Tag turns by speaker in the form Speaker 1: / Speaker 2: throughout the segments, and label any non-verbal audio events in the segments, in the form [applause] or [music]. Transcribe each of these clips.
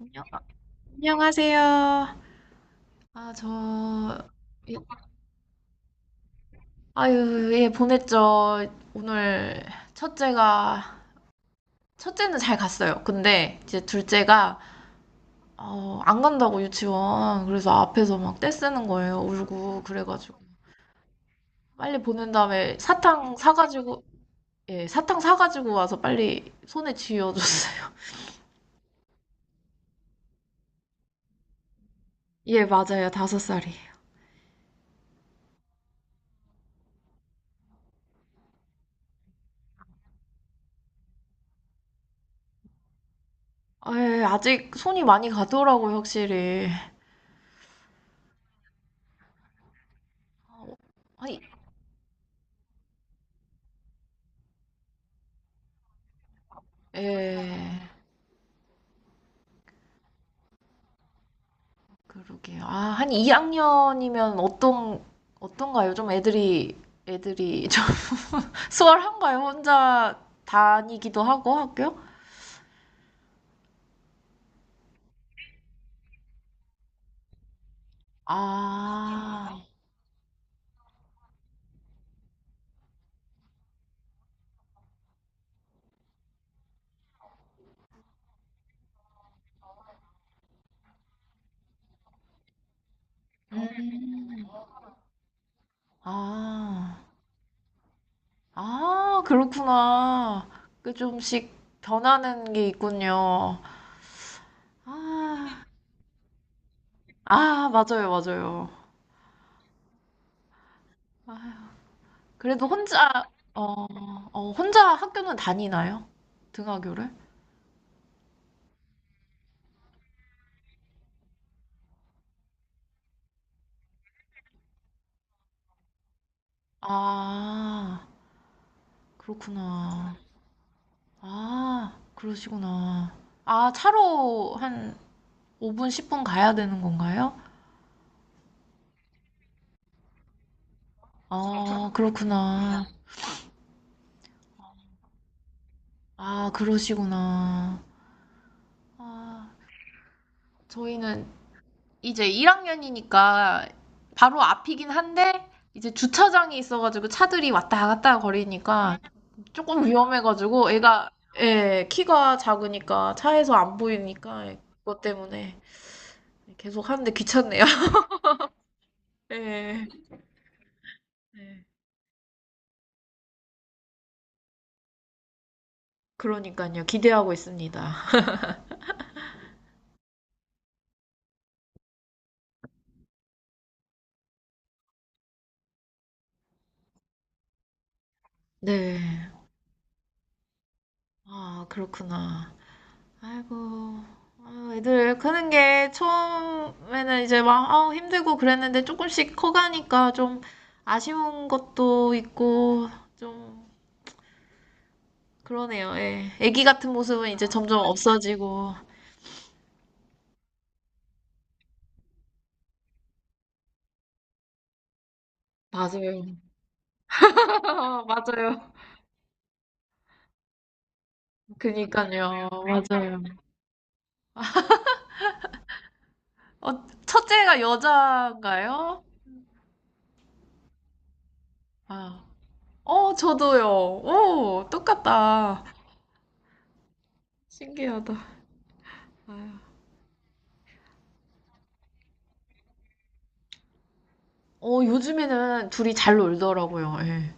Speaker 1: 안녕- 안녕하세요. 아, 저, 예. 아유, 예, 보냈죠. 오늘 첫째가, 첫째는 잘 갔어요. 근데 이제 둘째가, 안 간다고 유치원. 그래서 앞에서 막 떼쓰는 거예요. 울고. 그래가지고. 빨리 보낸 다음에 사탕 사가지고, 예, 사탕 사가지고 와서 빨리 손에 쥐어줬어요. [laughs] 예, 맞아요. 다섯 살이. 아, 예, 아직 손이 많이 가더라고요, 확실히. 아니, 예. 그러게요. 아, 한 2학년이면 어떤가요? 좀 애들이 좀 [laughs] 수월한가요? 혼자 다니기도 하고 학교? 아, 음, 아, 아, 그렇구나. 그 좀씩 변하는 게 있군요. 아, 아, 맞아요, 맞아요. 아휴, 그래도 어, 혼자 학교는 다니나요? 등하교를? 아. 그렇구나. 아, 그러시구나. 아, 차로 한 5분, 10분 가야 되는 건가요? 아, 그렇구나. 아, 그러시구나. 아, 저희는 이제 1학년이니까 바로 앞이긴 한데, 이제 주차장이 있어가지고 차들이 왔다 갔다 거리니까 조금 위험해가지고 애가, 예, 키가 작으니까 차에서 안 보이니까 그것 때문에 계속 하는데 귀찮네요. [laughs] 예. 네. 그러니깐요. 기대하고 있습니다. 네. 아, 그렇구나. 아이고. 아, 애들 크는 게 처음에는 이제 막 아우 힘들고 그랬는데 조금씩 커가니까 좀 아쉬운 것도 있고 좀 그러네요. 예. 아기 같은 모습은 이제 점점 없어지고. 맞아요. [laughs] 맞아요. 그니깐요. 맞아요. 어, 첫째가 여자인가요? 아. 어, 저도요. 오, 똑같다. 신기하다. 어, 요즘에는 둘이 잘 놀더라고요. 예.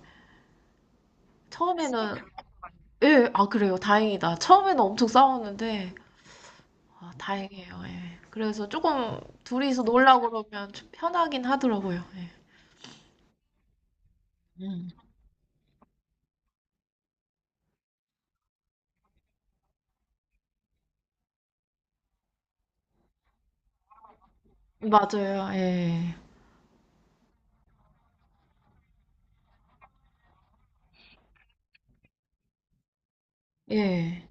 Speaker 1: 처음에는, 있으니까. 예, 아, 그래요. 다행이다. 처음에는 엄청 싸웠는데, 아, 다행이에요. 예. 그래서 조금 둘이서 놀라 그러면 좀 편하긴 하더라고요. 예. 음. 맞아요. 예. 예.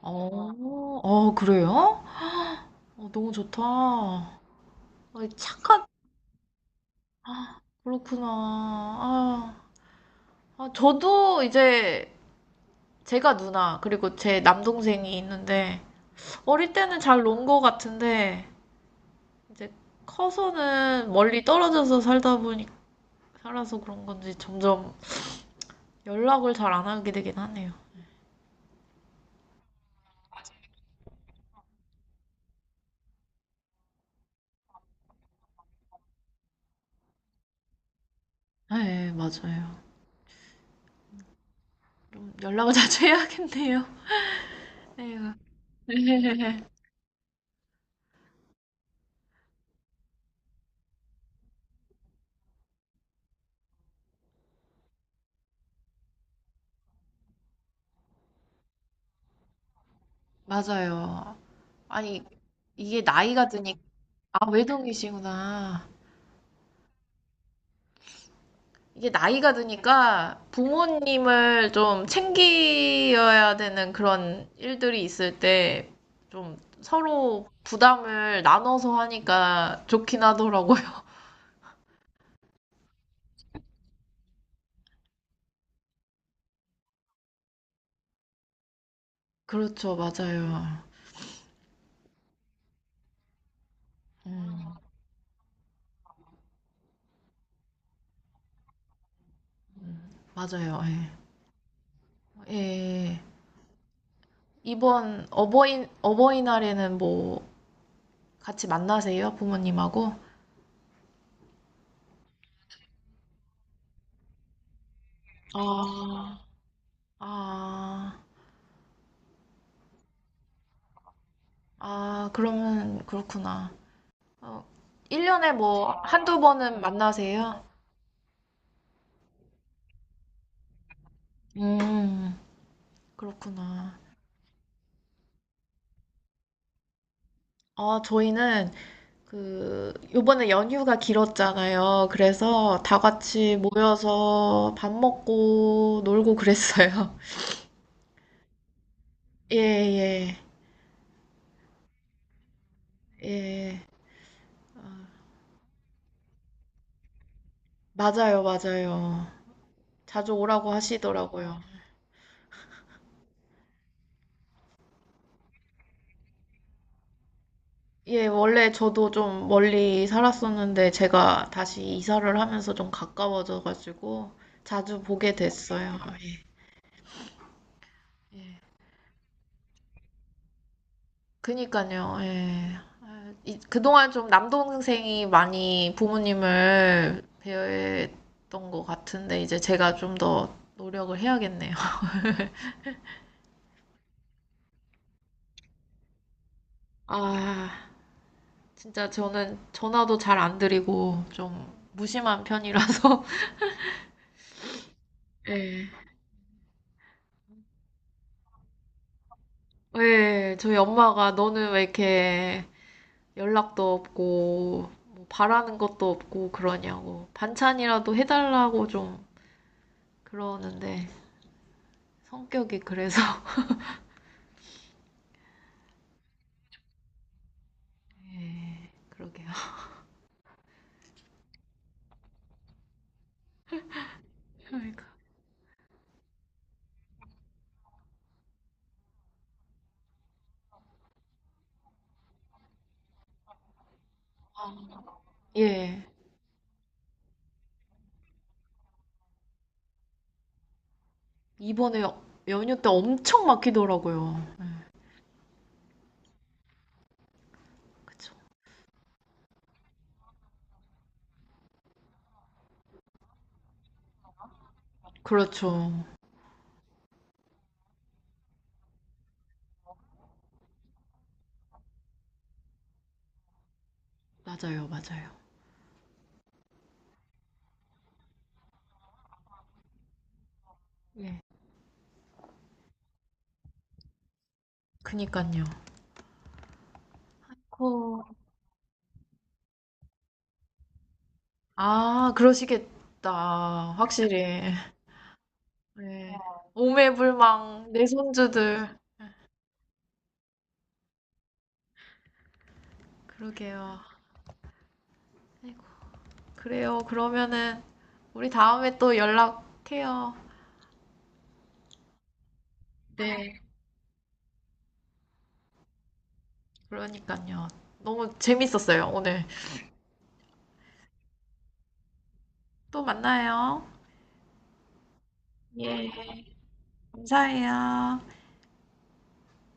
Speaker 1: 어, 어, 어, 그래요? 어, 너무 좋다. 어, 착한, 그렇구나. 아, 아, 저도 이제 제가 누나, 그리고 제 남동생이 있는데, 어릴 때는 잘 논 거 같은데, 이제 커서는 멀리 떨어져서 살다 보니, 살아서 그런 건지 점점 연락을 잘 안 하게 되긴 하네요. 네, 맞아요. 좀 연락을 [laughs] 자주 해야겠네요. 네, 네, [laughs] 맞아요. 아니, 이게 나이가 드니, 아, 외동이시구나. 이게 나이가 드니까 부모님을 좀 챙겨야 되는 그런 일들이 있을 때 좀 서로 부담을 나눠서 하니까 좋긴 하더라고요. [laughs] 그렇죠, 맞아요. 음, 맞아요. 예. 예. 이번 어버이날에는 뭐 같이 만나세요? 부모님하고? 아, 아, 아, 그러면 그렇구나. 어, 1년에 뭐 한두 번은 만나세요? 음, 그렇구나. 아, 저희는 그 요번에 연휴가 길었잖아요. 그래서 다 같이 모여서 밥 먹고 놀고 그랬어요. [laughs] 예, 예, 예. 아, 맞아요, 맞아요. 자주 오라고 하시더라고요. 예, 원래 저도 좀 멀리 살았었는데 제가 다시 이사를 하면서 좀 가까워져가지고 자주 보게 됐어요. 예, 예. 그니까요. 예. 아, 그동안 좀 남동생이 많이 부모님을 배려했던 것 같은데 이제 제가 좀 더 노력을 해야겠네요. [laughs] 아, 진짜 저는 전화도 잘 안 드리고 좀 무심한 편이라서 [laughs] 예. 예, 저희 엄마가 너는 왜 이렇게 연락도 없고 뭐 바라는 것도 없고 그러냐고 반찬이라도 해달라고 좀 그러는데 성격이 그래서 [laughs] 예, 그러게요. 그러니까. 예. 이번에 연휴 때 엄청 막히더라고요. 그쵸. 그렇죠. 맞아요, 맞아요. 예. 그니까요. 그, 아, 그러시겠다. 확실히. 네. 오매불망, 내 손주들. 그러게요. 아이고, 그래요. 그러면은, 우리 다음에 또 연락해요. 네, 그러니까요. 너무 재밌었어요, 오늘. 또 만나요. 예, 감사해요.